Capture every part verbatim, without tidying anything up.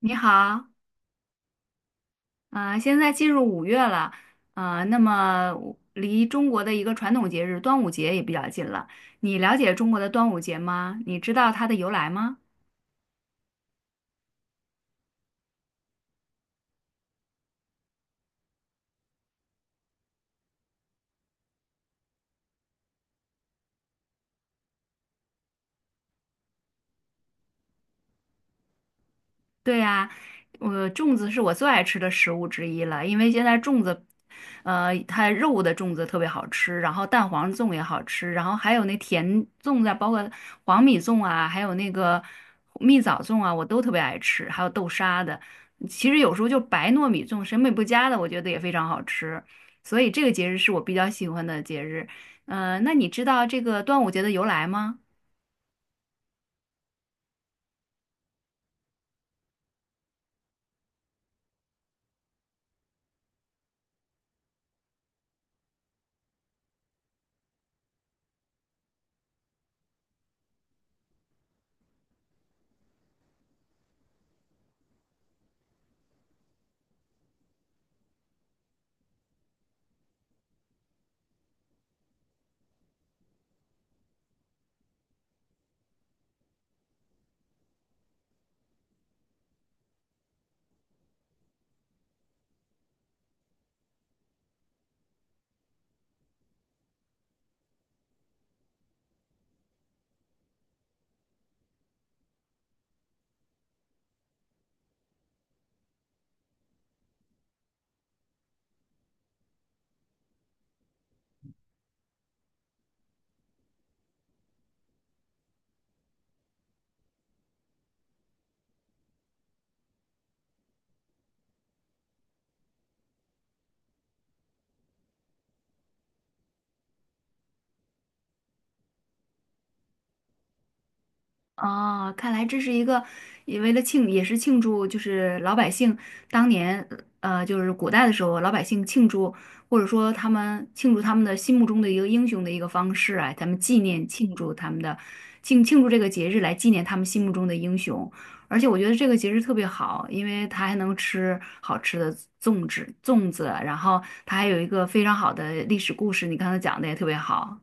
你好，呃，现在进入五月了，呃，那么我离中国的一个传统节日端午节也比较近了。你了解中国的端午节吗？你知道它的由来吗？对呀，我粽子是我最爱吃的食物之一了，因为现在粽子，呃，它肉的粽子特别好吃，然后蛋黄粽也好吃，然后还有那甜粽子啊包括黄米粽啊，还有那个蜜枣粽啊，我都特别爱吃，还有豆沙的。其实有时候就白糯米粽，审美不佳的，我觉得也非常好吃。所以这个节日是我比较喜欢的节日。呃，那你知道这个端午节的由来吗？哦，看来这是一个，也为了庆，也是庆祝，就是老百姓当年，呃，就是古代的时候，老百姓庆祝，或者说他们庆祝他们的心目中的一个英雄的一个方式啊，咱们纪念庆祝他们的庆庆祝这个节日来纪念他们心目中的英雄。而且我觉得这个节日特别好，因为它还能吃好吃的粽子，粽子，然后它还有一个非常好的历史故事，你刚才讲的也特别好。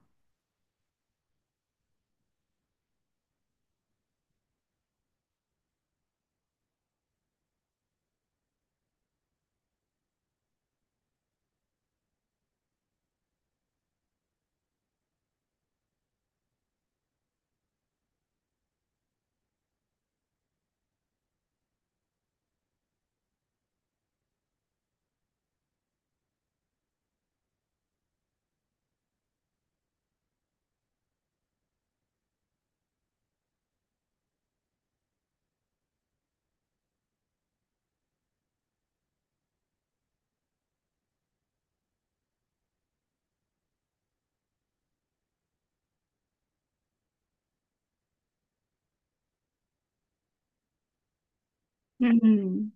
嗯，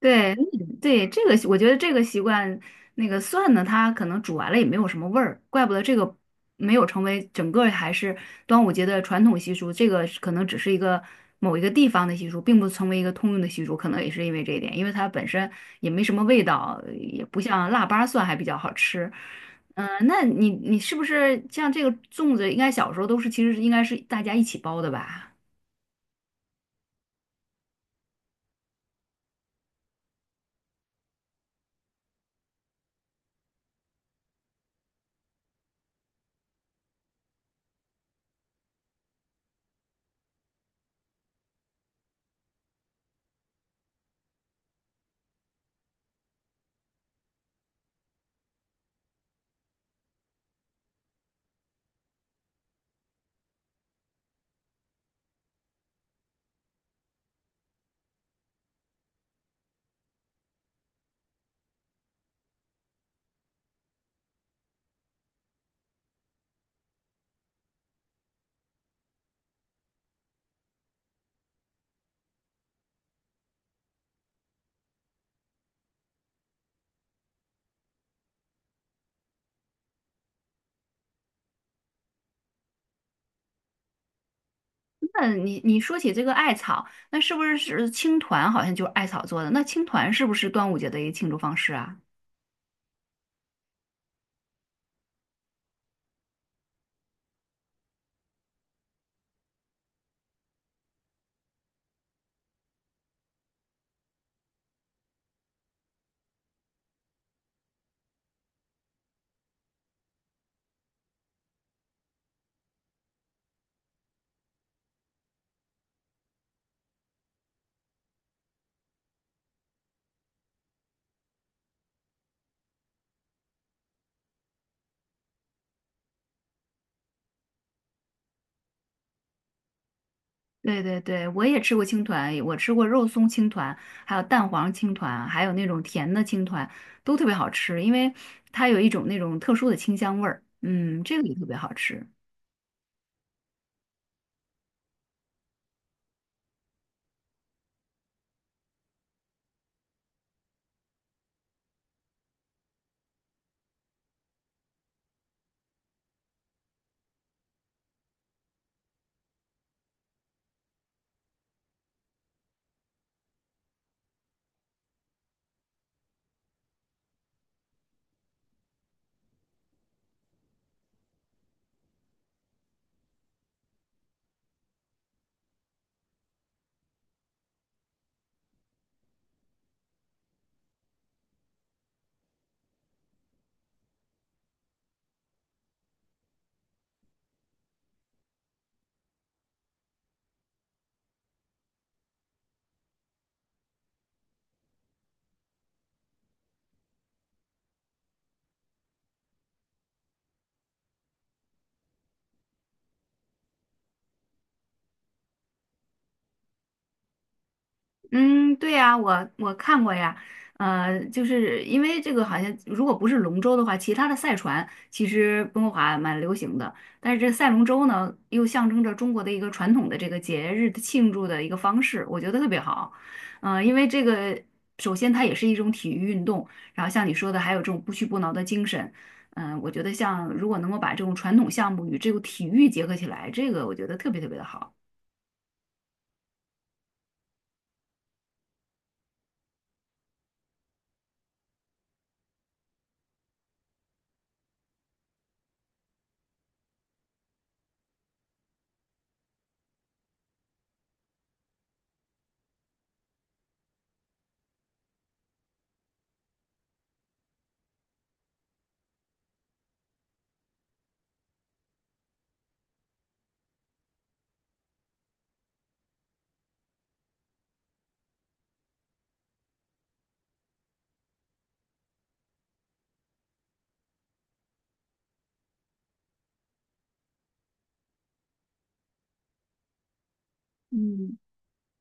对嗯对，这个习我觉得这个习惯，那个蒜呢，它可能煮完了也没有什么味儿，怪不得这个没有成为整个还是端午节的传统习俗，这个是可能只是一个某一个地方的习俗，并不成为一个通用的习俗，可能也是因为这一点，因为它本身也没什么味道，也不像腊八蒜还比较好吃。嗯、那你你是不是像这个粽子，应该小时候都是其实应该是大家一起包的吧？那你你说起这个艾草，那是不是是青团？好像就是艾草做的。那青团是不是端午节的一个庆祝方式啊？对对对，我也吃过青团，我吃过肉松青团，还有蛋黄青团，还有那种甜的青团，都特别好吃，因为它有一种那种特殊的清香味儿。嗯，这个也特别好吃。嗯，对呀，我我看过呀，呃，就是因为这个好像如果不是龙舟的话，其他的赛船其实温哥华蛮流行的，但是这赛龙舟呢，又象征着中国的一个传统的这个节日的庆祝的一个方式，我觉得特别好。呃，因为这个首先它也是一种体育运动，然后像你说的还有这种不屈不挠的精神，嗯、我觉得像如果能够把这种传统项目与这个体育结合起来，这个我觉得特别特别的好。嗯，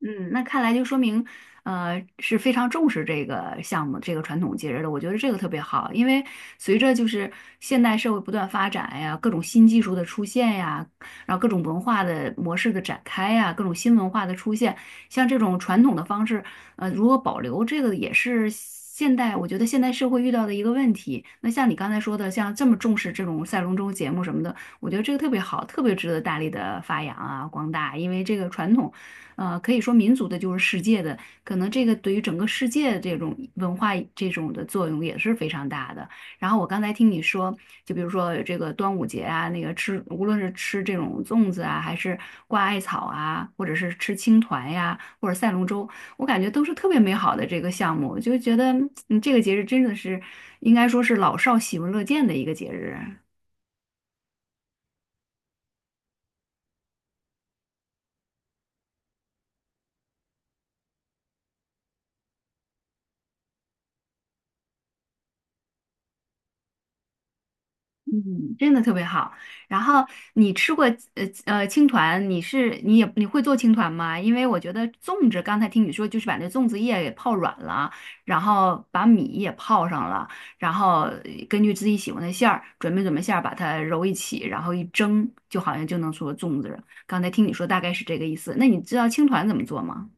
嗯，那看来就说明，呃，是非常重视这个项目、这个传统节日的。我觉得这个特别好，因为随着就是现代社会不断发展呀，各种新技术的出现呀，然后各种文化的模式的展开呀，各种新文化的出现，像这种传统的方式，呃，如何保留，这个也是现代，我觉得现代社会遇到的一个问题。那像你刚才说的，像这么重视这种赛龙舟节目什么的，我觉得这个特别好，特别值得大力的发扬啊，光大，因为这个传统。呃，可以说民族的就是世界的，可能这个对于整个世界这种文化这种的作用也是非常大的。然后我刚才听你说，就比如说这个端午节啊，那个吃，无论是吃这种粽子啊，还是挂艾草啊，或者是吃青团呀、或者赛龙舟，我感觉都是特别美好的这个项目，就觉得嗯，这个节日真的是应该说是老少喜闻乐见的一个节日啊。嗯，真的特别好。然后你吃过呃呃青团，你是你也你会做青团吗？因为我觉得粽子，刚才听你说就是把那粽子叶给泡软了，然后把米也泡上了，然后呃根据自己喜欢的馅儿准备准备馅儿，把它揉一起，然后一蒸，就好像就能做粽子了刚才听你说大概是这个意思。那你知道青团怎么做吗？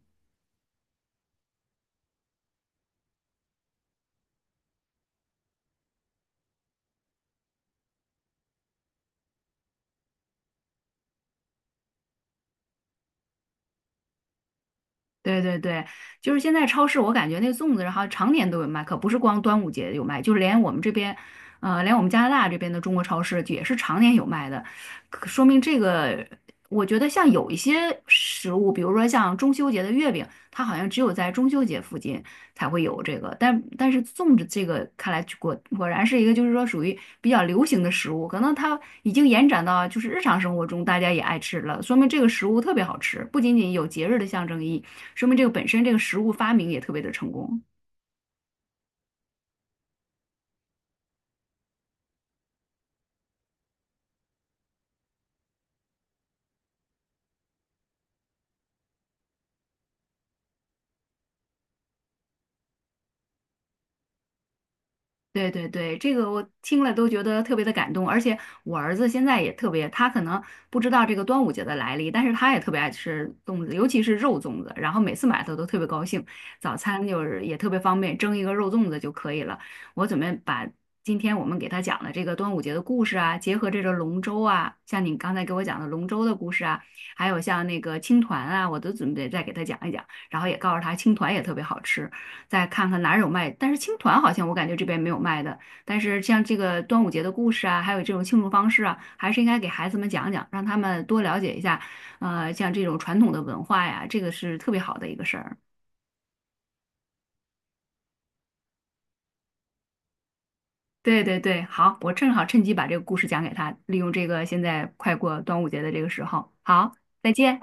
对对对，就是现在超市，我感觉那粽子，然后常年都有卖，可不是光端午节有卖，就是连我们这边，呃，连我们加拿大这边的中国超市也是常年有卖的，可说明这个，我觉得像有一些食物，比如说像中秋节的月饼，它好像只有在中秋节附近，才会有这个。但但是粽子这个看来果果然是一个就是说属于比较流行的食物，可能它已经延展到就是日常生活中大家也爱吃了，说明这个食物特别好吃，不仅仅有节日的象征意义，说明这个本身这个食物发明也特别的成功。对对对，这个我听了都觉得特别的感动，而且我儿子现在也特别，他可能不知道这个端午节的来历，但是他也特别爱吃粽子，尤其是肉粽子，然后每次买他都特别高兴，早餐就是也特别方便，蒸一个肉粽子就可以了。我准备把今天我们给他讲的这个端午节的故事啊，结合这个龙舟啊，像你刚才给我讲的龙舟的故事啊，还有像那个青团啊，我都准备再给他讲一讲，然后也告诉他青团也特别好吃。再看看哪儿有卖。但是青团好像我感觉这边没有卖的。但是像这个端午节的故事啊，还有这种庆祝方式啊，还是应该给孩子们讲讲，让他们多了解一下。呃，像这种传统的文化呀，这个是特别好的一个事儿。对对对，好，我正好趁机把这个故事讲给他，利用这个现在快过端午节的这个时候。好，再见。